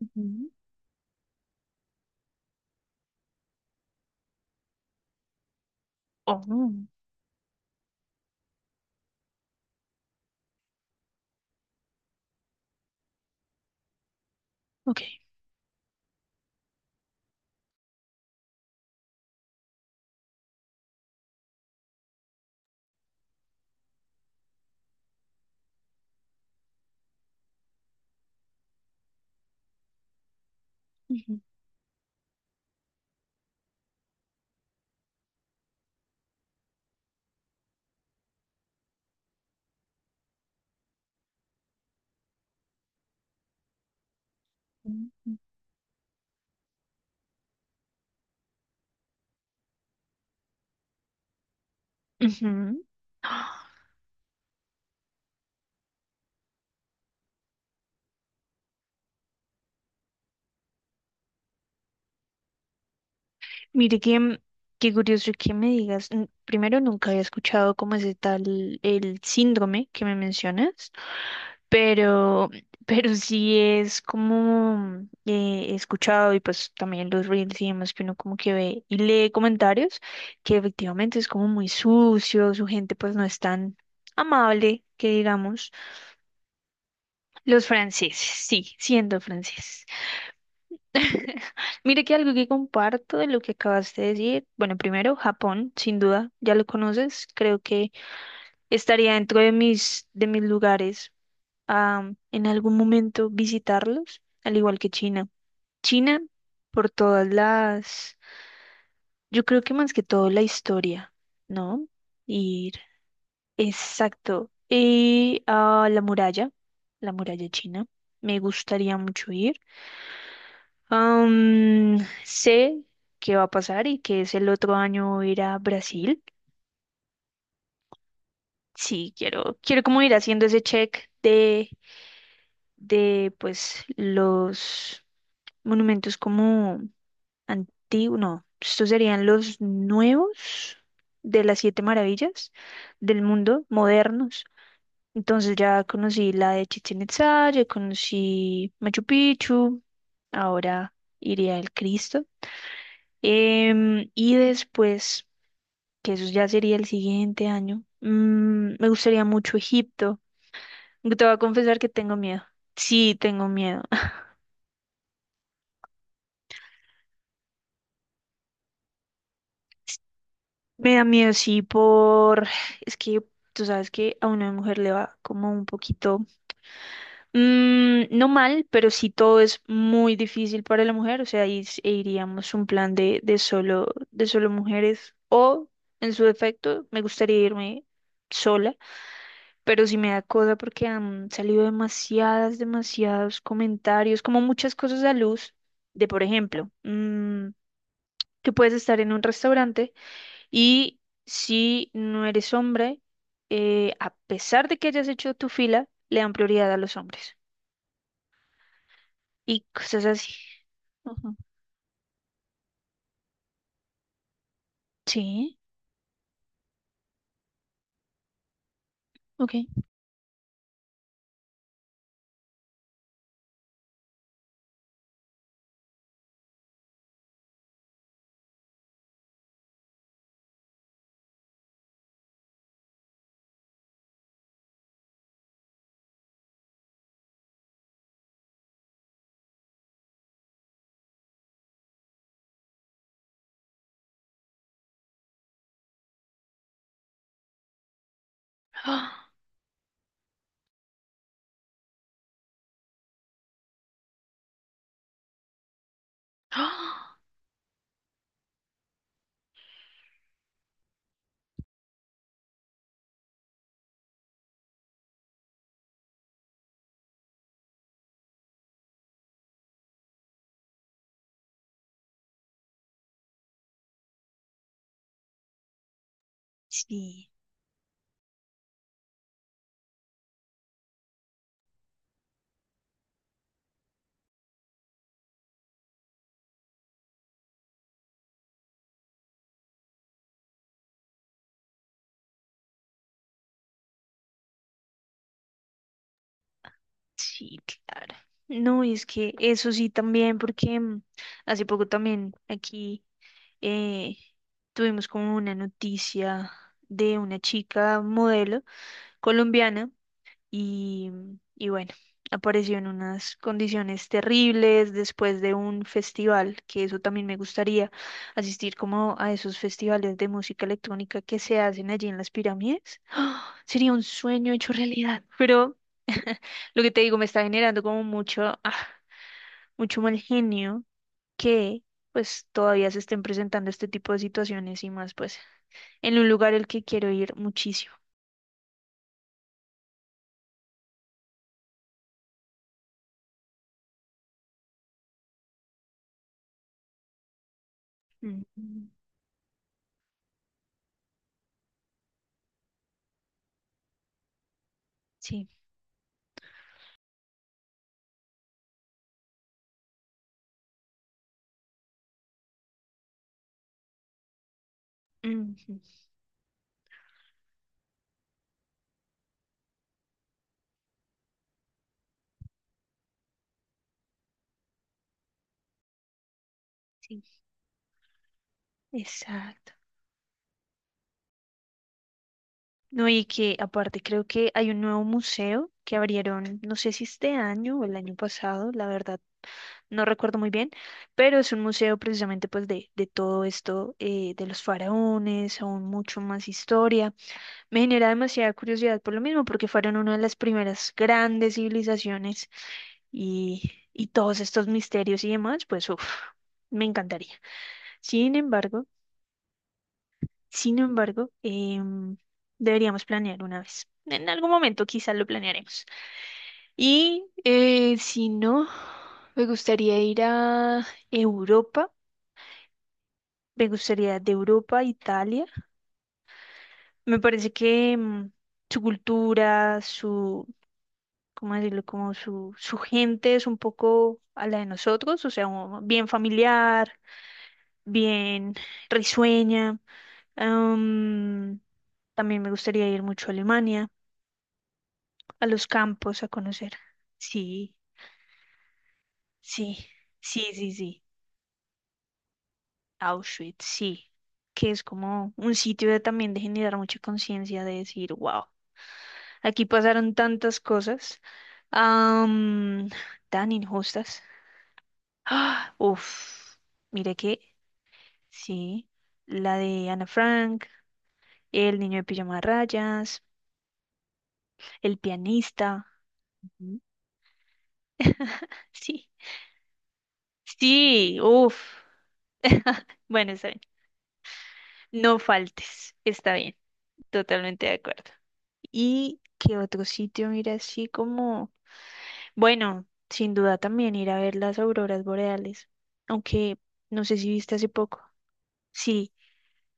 Ujú. Oh, ok. Ujú, ujú, ujú. Ah, mire que, qué curioso que me digas. N- Primero, nunca había escuchado cómo es tal el síndrome que me mencionas, pero, pero sí es como he escuchado y pues también los reels y demás que uno como que ve y lee comentarios que efectivamente es como muy sucio, su gente pues no es tan amable, que digamos. Los franceses, sí, siendo franceses. Mire que algo que comparto de lo que acabaste de decir, bueno, primero Japón, sin duda, ya lo conoces, creo que estaría dentro de de mis lugares a en algún momento visitarlos, al igual que China. China, por todas yo creo que más que todo la historia, ¿no? Ir, exacto, y a la muralla china, me gustaría mucho ir. Am, sé qué va a pasar y que es el otro año ir a Brasil. Sí, quiero como ir haciendo ese check de pues los monumentos como antiguos, no, estos serían los nuevos de las siete maravillas del mundo, modernos. Entonces ya conocí la de Chichén Itzá, ya conocí Machu Picchu, ahora iría al Cristo. Em, y después que eso ya sería el siguiente año. Mm, me gustaría mucho Egipto. Te voy a confesar que tengo miedo. Sí, tengo miedo. Me da miedo, sí, por... Es que tú sabes que a una mujer le va como un poquito... no mal, pero sí todo es muy difícil para la mujer. O sea, ahí s- e iríamos un plan de de solo mujeres. O, en su defecto, me gustaría irme sola pero sí me da cosa porque han salido demasiadas, demasiados comentarios, como muchas cosas a luz, de por ejemplo, mm, que puedes estar en un restaurante y si no eres hombre, a pesar de que hayas hecho tu fila, le dan prioridad a los hombres y cosas así. Ujú. Sí, ok. ¡Ah! ¡Ah! Sí, sí, claro. No, y es que eso sí también, porque hace poco también aquí eh, tuvimos como una noticia de una chica modelo colombiana y, y bueno, apareció en unas condiciones terribles después de un festival, que eso también me gustaría asistir como a esos festivales de música electrónica que se hacen allí en las pirámides. ¡Ah! Sería un sueño hecho realidad, pero lo que te digo me está generando como mucho, ah, mucho mal genio que pues todavía se estén presentando este tipo de situaciones y más pues en un lugar al que quiero ir muchísimo. Ujú, sí, ujú, sí, exacto. No, y que aparte creo que hay un nuevo museo que abrieron, no sé si este año o el año pasado, la verdad, no recuerdo muy bien, pero es un museo precisamente pues de todo esto, de los faraones, aún mucho más historia. Me genera demasiada curiosidad por lo mismo, porque fueron una de las primeras grandes civilizaciones y todos estos misterios y demás, pues uf, me encantaría. Sin embargo, sin embargo, em, deberíamos planear una vez. En algún momento quizás lo planearemos. Y si no, me gustaría ir a Europa, me gustaría de Europa a Italia. Me parece que su cultura, ¿cómo decirlo? Como su gente es un poco a la de nosotros, o sea, un- bien familiar, bien risueña. Am, también me gustaría ir mucho a Alemania, a los campos, a conocer. Sí, sí, sí, sí, sí. Auschwitz, sí. Que es como un sitio de, también de generar mucha conciencia, de decir, wow, aquí pasaron tantas cosas am, tan injustas. Ah, uf, mire que sí, la de Ana Frank, El niño de pijama de rayas, El pianista, ujú. Sí, sí, uf, bueno, está bien, no faltes, está bien, totalmente de acuerdo. ¿Y qué otro sitio, mira, así como, bueno, sin duda también ir a ver las auroras boreales, aunque no sé si viste hace poco, sí.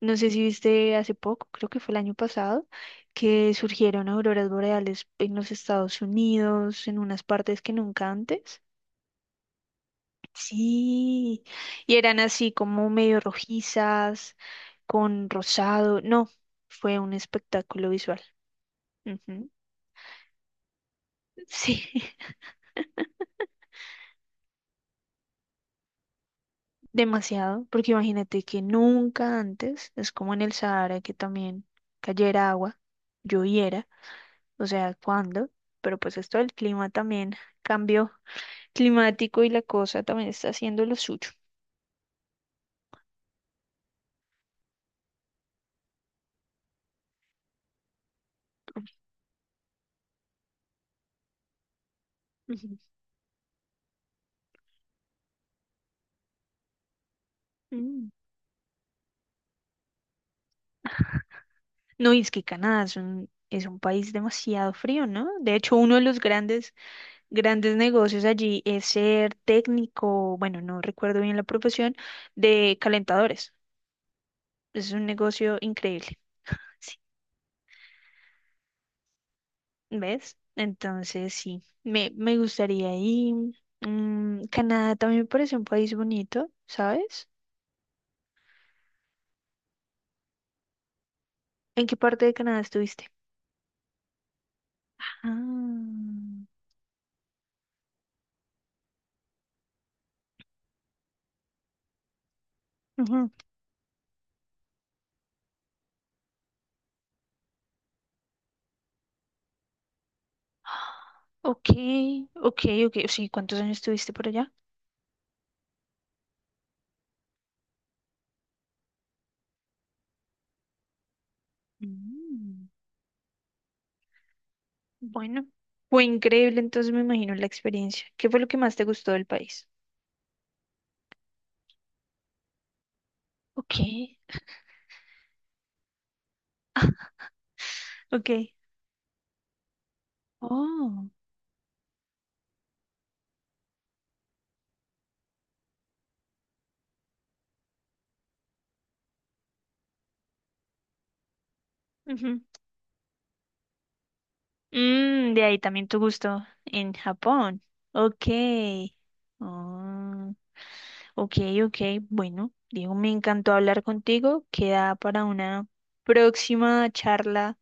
No sé si viste hace poco, creo que fue el año pasado, que surgieron auroras boreales en los Estados Unidos, en unas partes que nunca antes. Sí, y eran así como medio rojizas, con rosado. No, fue un espectáculo visual. Ujú. Sí, demasiado, porque imagínate que nunca antes, es como en el Sahara que también cayera agua, lloviera, o sea, ¿cuándo? Pero pues esto del clima también cambió climático y la cosa también está haciendo lo suyo. Ujú. Mm. No, y es que Canadá es un país demasiado frío, ¿no? De hecho, uno de los grandes, grandes negocios allí es ser técnico, bueno, no recuerdo bien la profesión, de calentadores. Es un negocio increíble. Sí, ¿ves? Entonces, sí, me gustaría ir. Mm, Canadá también me parece un país bonito, ¿sabes? ¿En qué parte de Canadá estuviste? Ah, ujú. Ok, ok, ok. Sí, ¿cuántos años estuviste por allá? Mm. Bueno, fue increíble, entonces me imagino la experiencia. ¿Qué fue lo que más te gustó del país? Ok, ok. Oh, ujú. Mm, de ahí también tu gusto en Japón. Ok. Ah, ok, ok. Bueno, Diego, me encantó hablar contigo. Queda para una próxima charla.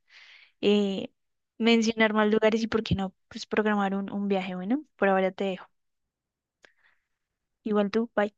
Eh, mencionar más lugares y por qué no, pues programar un viaje. Bueno, por ahora te dejo. Igual tú, bye.